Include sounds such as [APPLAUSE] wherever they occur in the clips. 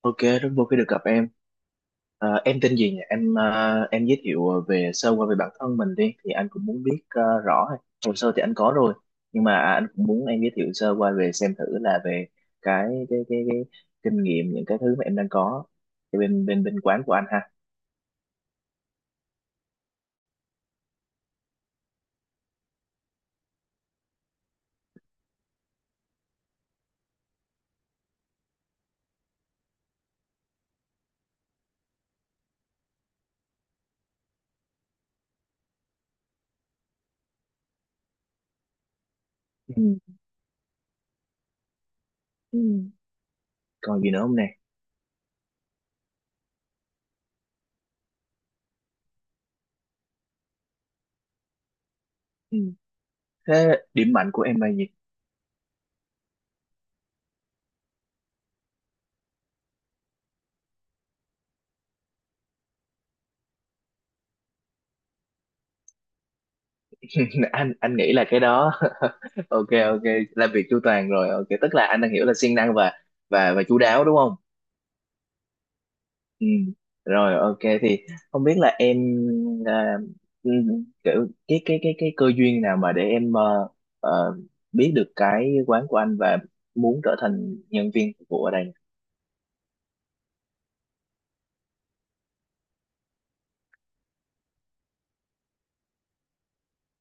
Ok, rất vui khi được gặp em. Em tên gì nhỉ? Em giới thiệu về sơ qua về bản thân mình đi, thì anh cũng muốn biết rõ. Hồ sơ thì anh có rồi, nhưng mà anh cũng muốn em giới thiệu sơ qua về xem thử là về cái kinh nghiệm những cái thứ mà em đang có ở bên bên bên quán của anh ha. Ừ. Ừ. Còn gì nữa không nè? Ừ. Thế điểm mạnh của em là gì? [LAUGHS] Anh nghĩ là cái đó. [LAUGHS] Ok ok, làm việc chu toàn rồi. Ok, tức là anh đang hiểu là siêng năng và và chu đáo đúng không? Ừ. Rồi ok thì không biết là em à, ừ, kiểu cái cơ duyên nào mà để em ờ, biết được cái quán của anh và muốn trở thành nhân viên phục vụ ở đây.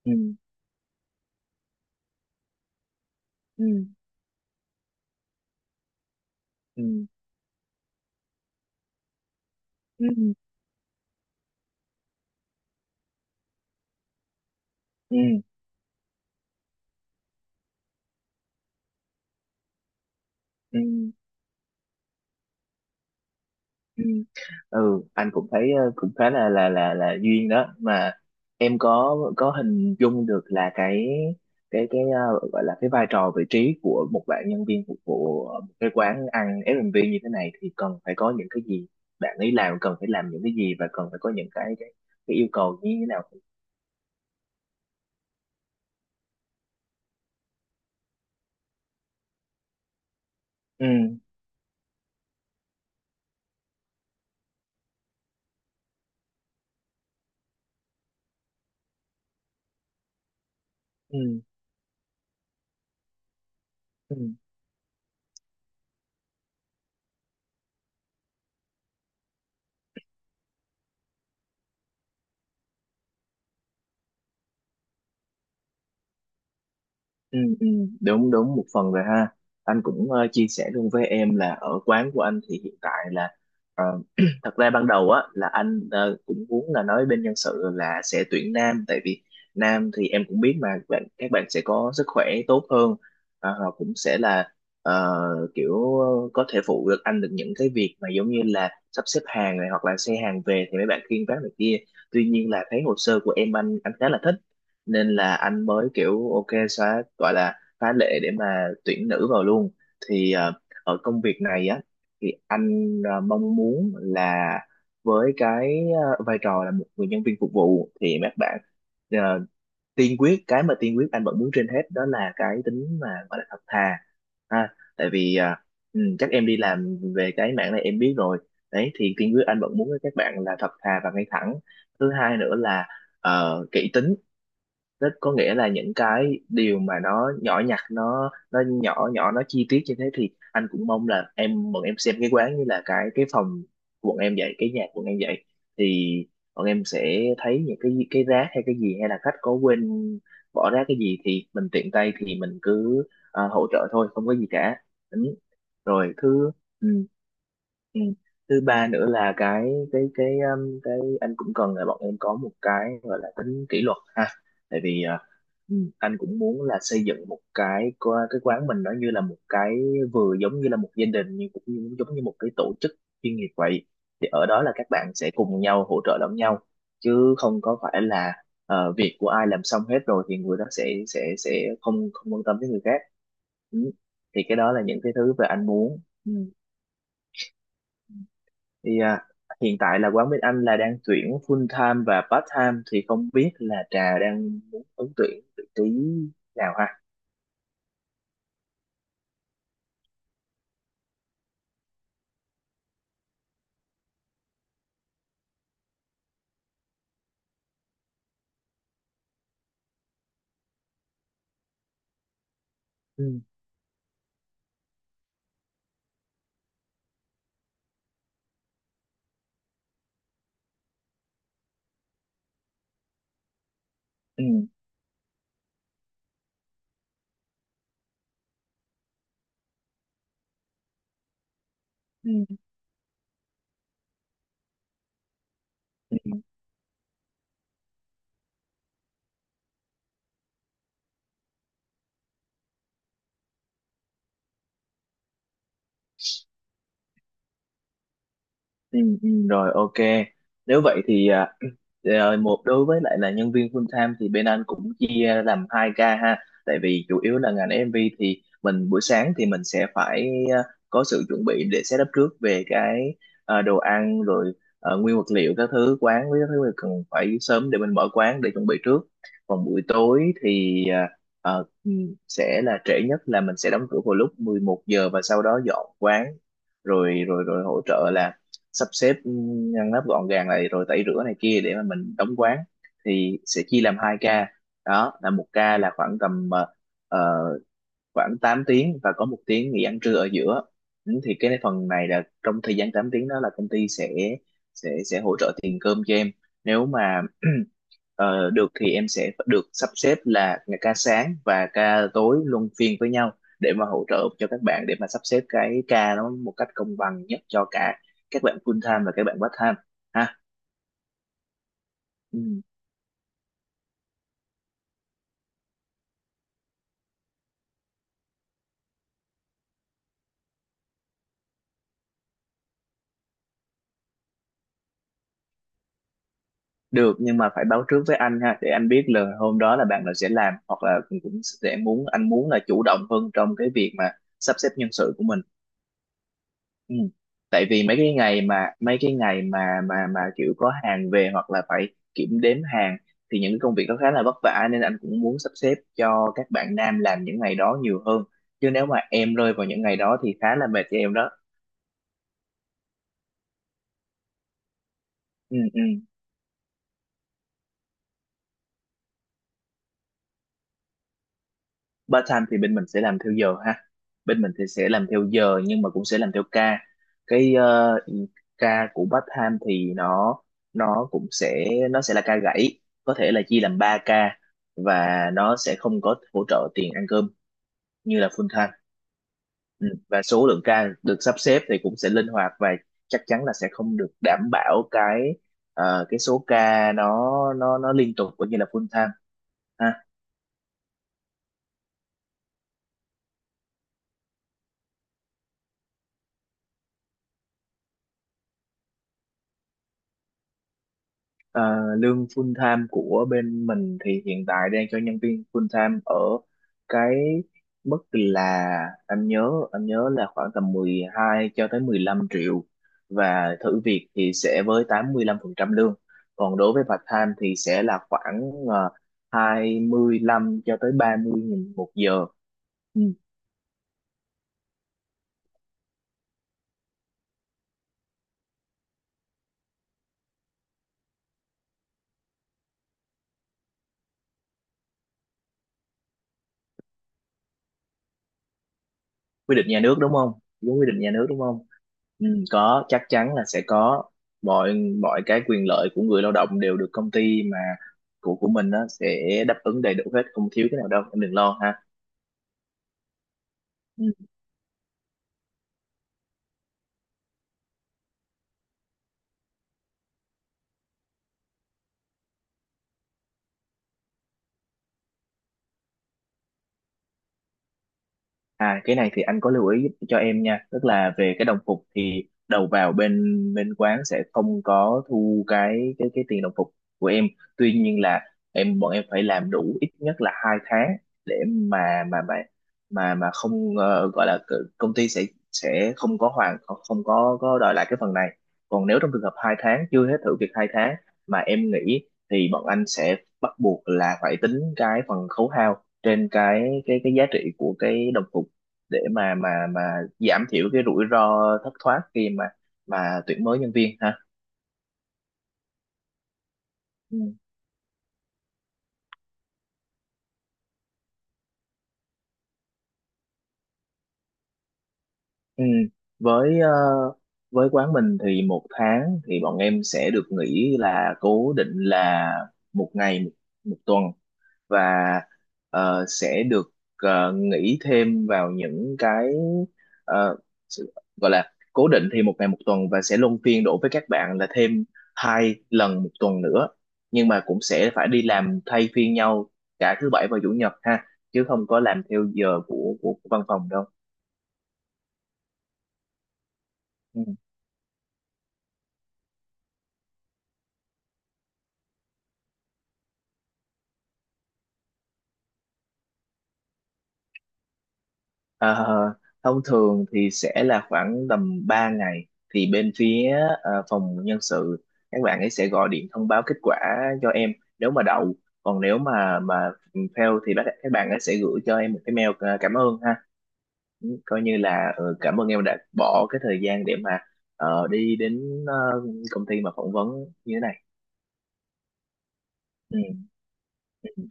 Ừ. Ừ. Ừ. Ừ. Ừ. Ừ. Ừ, ừ anh cũng thấy cũng khá là là duyên đó mà em có hình dung được là cái cái gọi là cái vai trò vị trí của một bạn nhân viên phục vụ ở một cái quán ăn F&B như thế này thì cần phải có những cái gì, bạn ấy làm cần phải làm những cái gì và cần phải có những cái yêu cầu như thế nào. Ừ ừ. Ừ, Ừ, ừ, đúng đúng một phần rồi ha. Anh cũng chia sẻ luôn với em là ở quán của anh thì hiện tại là ờ, [CLEARS THROAT] thật ra ban đầu á là anh cũng muốn là nói bên nhân sự là sẽ tuyển nam, tại vì nam thì em cũng biết mà, bạn các bạn sẽ có sức khỏe tốt hơn. Ờ, họ cũng sẽ là ờ, kiểu có thể phụ được anh được những cái việc mà giống như là sắp xếp hàng này hoặc là xe hàng về thì mấy bạn khiêng vác này kia. Tuy nhiên là thấy hồ sơ của em anh khá là thích, nên là anh mới kiểu ok xóa, gọi là phá lệ để mà tuyển nữ vào luôn. Thì ở công việc này á thì anh mong muốn là với cái vai trò là một người nhân viên phục vụ thì các bạn ờ, tiên quyết cái mà tiên quyết anh vẫn muốn trên hết đó là cái tính mà gọi là thật thà ha, tại vì chắc em đi làm về cái mảng này em biết rồi đấy, thì tiên quyết anh vẫn muốn các bạn là thật thà và ngay thẳng. Thứ hai nữa là kỹ tính. Tức có nghĩa là những cái điều mà nó nhỏ nhặt, nó nhỏ nhỏ, nó chi tiết như thế thì anh cũng mong là em bọn em xem cái quán như là cái phòng bọn em vậy, cái nhà bọn em vậy, thì bọn em sẽ thấy những cái rác hay cái gì hay là khách có quên bỏ rác cái gì thì mình tiện tay thì mình cứ hỗ trợ thôi, không có gì cả. Ừ. Rồi thứ. Ừ. Ừ. Thứ ba nữa là cái cái anh cũng cần là bọn em có một cái gọi là tính kỷ luật ha, tại vì Ừ, anh cũng muốn là xây dựng một cái cái quán mình nó như là một cái vừa giống như là một gia đình nhưng cũng như, giống như một cái tổ chức chuyên nghiệp vậy. Thì ở đó là các bạn sẽ cùng nhau hỗ trợ lẫn nhau, chứ không có phải là việc của ai làm xong hết rồi thì người đó sẽ sẽ không không quan tâm tới người khác. Ừ. Thì cái đó là những cái thứ mà anh muốn. Ừ. Thì hiện tại là quán bên anh là đang tuyển full time và part time, thì không biết là Trà đang muốn ứng tuyển vị trí nào ha? Ừ. Ừ. Ừ. Ừ. Ừ, rồi ok, nếu vậy thì [CLEARS THROAT] một đối với lại là nhân viên full time thì bên anh cũng chia làm 2 ca ha, tại vì chủ yếu là ngành MV thì mình buổi sáng thì mình sẽ phải à, có sự chuẩn bị để setup trước về cái đồ ăn rồi nguyên vật liệu các thứ quán với các thứ mình cần phải sớm để mình mở quán để chuẩn bị trước. Còn buổi tối thì ờ, ừ, sẽ là trễ nhất là mình sẽ đóng cửa vào lúc 11 giờ và sau đó dọn quán rồi rồi rồi hỗ trợ là sắp xếp ngăn nắp gọn gàng này rồi tẩy rửa này kia để mà mình đóng quán. Thì sẽ chia làm 2 ca, đó là một ca là khoảng tầm ờ, khoảng 8 tiếng và có 1 tiếng nghỉ ăn trưa ở giữa. Ừ, thì cái phần này là trong thời gian 8 tiếng đó là công ty sẽ sẽ hỗ trợ tiền cơm cho em. Nếu mà [CLEARS THROAT] được thì em sẽ được sắp xếp là ngày ca sáng và ca tối luân phiên với nhau để mà hỗ trợ cho các bạn để mà sắp xếp cái ca nó một cách công bằng nhất cho cả các bạn full time và các bạn part time ha. Ừ. Được nhưng mà phải báo trước với anh ha để anh biết là hôm đó là bạn nào sẽ làm, hoặc là cũng cũng sẽ muốn anh muốn là chủ động hơn trong cái việc mà sắp xếp nhân sự của mình. Ừ. Tại vì mấy cái ngày mà kiểu có hàng về hoặc là phải kiểm đếm hàng, thì những cái công việc đó khá là vất vả nên anh cũng muốn sắp xếp cho các bạn nam làm những ngày đó nhiều hơn. Chứ nếu mà em rơi vào những ngày đó thì khá là mệt cho em đó. Ừ, ừ. Part-time thì bên mình sẽ làm theo giờ ha, bên mình thì sẽ làm theo giờ nhưng mà cũng sẽ làm theo ca. Cái ca của part-time thì nó cũng sẽ nó sẽ là ca gãy, có thể là chia làm 3 ca. Và nó sẽ không có hỗ trợ tiền ăn cơm như là full-time. Ừ. Và số lượng ca được sắp xếp thì cũng sẽ linh hoạt và chắc chắn là sẽ không được đảm bảo cái cái số ca nó liên tục cũng như là full-time. Ờ, lương full time của bên mình thì hiện tại đang cho nhân viên full time ở cái mức là anh nhớ là khoảng tầm 12 cho tới 15 triệu, và thử việc thì sẽ với 85% lương. Còn đối với part time thì sẽ là khoảng 25 cho tới 30 nghìn một giờ. Ừ. Quy định nhà nước đúng không? Đúng quy định nhà nước đúng không? Ừ, có, chắc chắn là sẽ có mọi mọi cái quyền lợi của người lao động đều được công ty mà của mình đó sẽ đáp ứng đầy đủ hết không thiếu cái nào đâu, em đừng lo ha. À cái này thì anh có lưu ý giúp cho em nha, tức là về cái đồng phục thì đầu vào bên bên quán sẽ không có thu cái tiền đồng phục của em. Tuy nhiên là bọn em phải làm đủ ít nhất là 2 tháng để mà không gọi là công ty sẽ không có hoàn không không có có đòi lại cái phần này. Còn nếu trong trường hợp hai tháng chưa hết thử việc 2 tháng mà em nghỉ thì bọn anh sẽ bắt buộc là phải tính cái phần khấu hao trên cái giá trị của cái đồng phục để mà giảm thiểu cái rủi ro thất thoát khi mà tuyển mới nhân viên ha. Ừ. Ừ. Với với quán mình thì một tháng thì bọn em sẽ được nghỉ là cố định là một ngày một, một tuần. Và sẽ được nghỉ thêm vào những cái ờ, sự- gọi là cố định thì một ngày một tuần và sẽ luân phiên đổ với các bạn là thêm 2 lần 1 tuần nữa, nhưng mà cũng sẽ phải đi làm thay phiên nhau cả thứ bảy và chủ nhật ha, chứ không có làm theo giờ của văn phòng đâu. Ừ. Ờ, thông thường thì sẽ là khoảng tầm 3 ngày thì bên phía phòng nhân sự các bạn ấy sẽ gọi điện thông báo kết quả cho em nếu mà đậu. Còn nếu mà fail thì các bạn ấy sẽ gửi cho em một cái mail cảm ơn ha. Ừ, coi như là cảm ơn em đã bỏ cái thời gian để mà đi đến ờ, công ty mà phỏng vấn như thế này. ừ,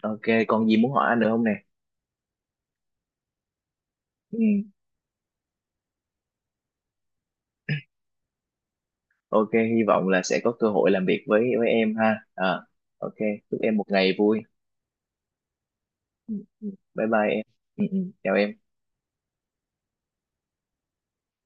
ok, còn gì muốn hỏi anh nữa không nè? ừ, ok, hy vọng là sẽ có cơ hội làm việc với em ha. Ờ, ok, chúc em một ngày vui. Ừ, Bye bye em. Chào em.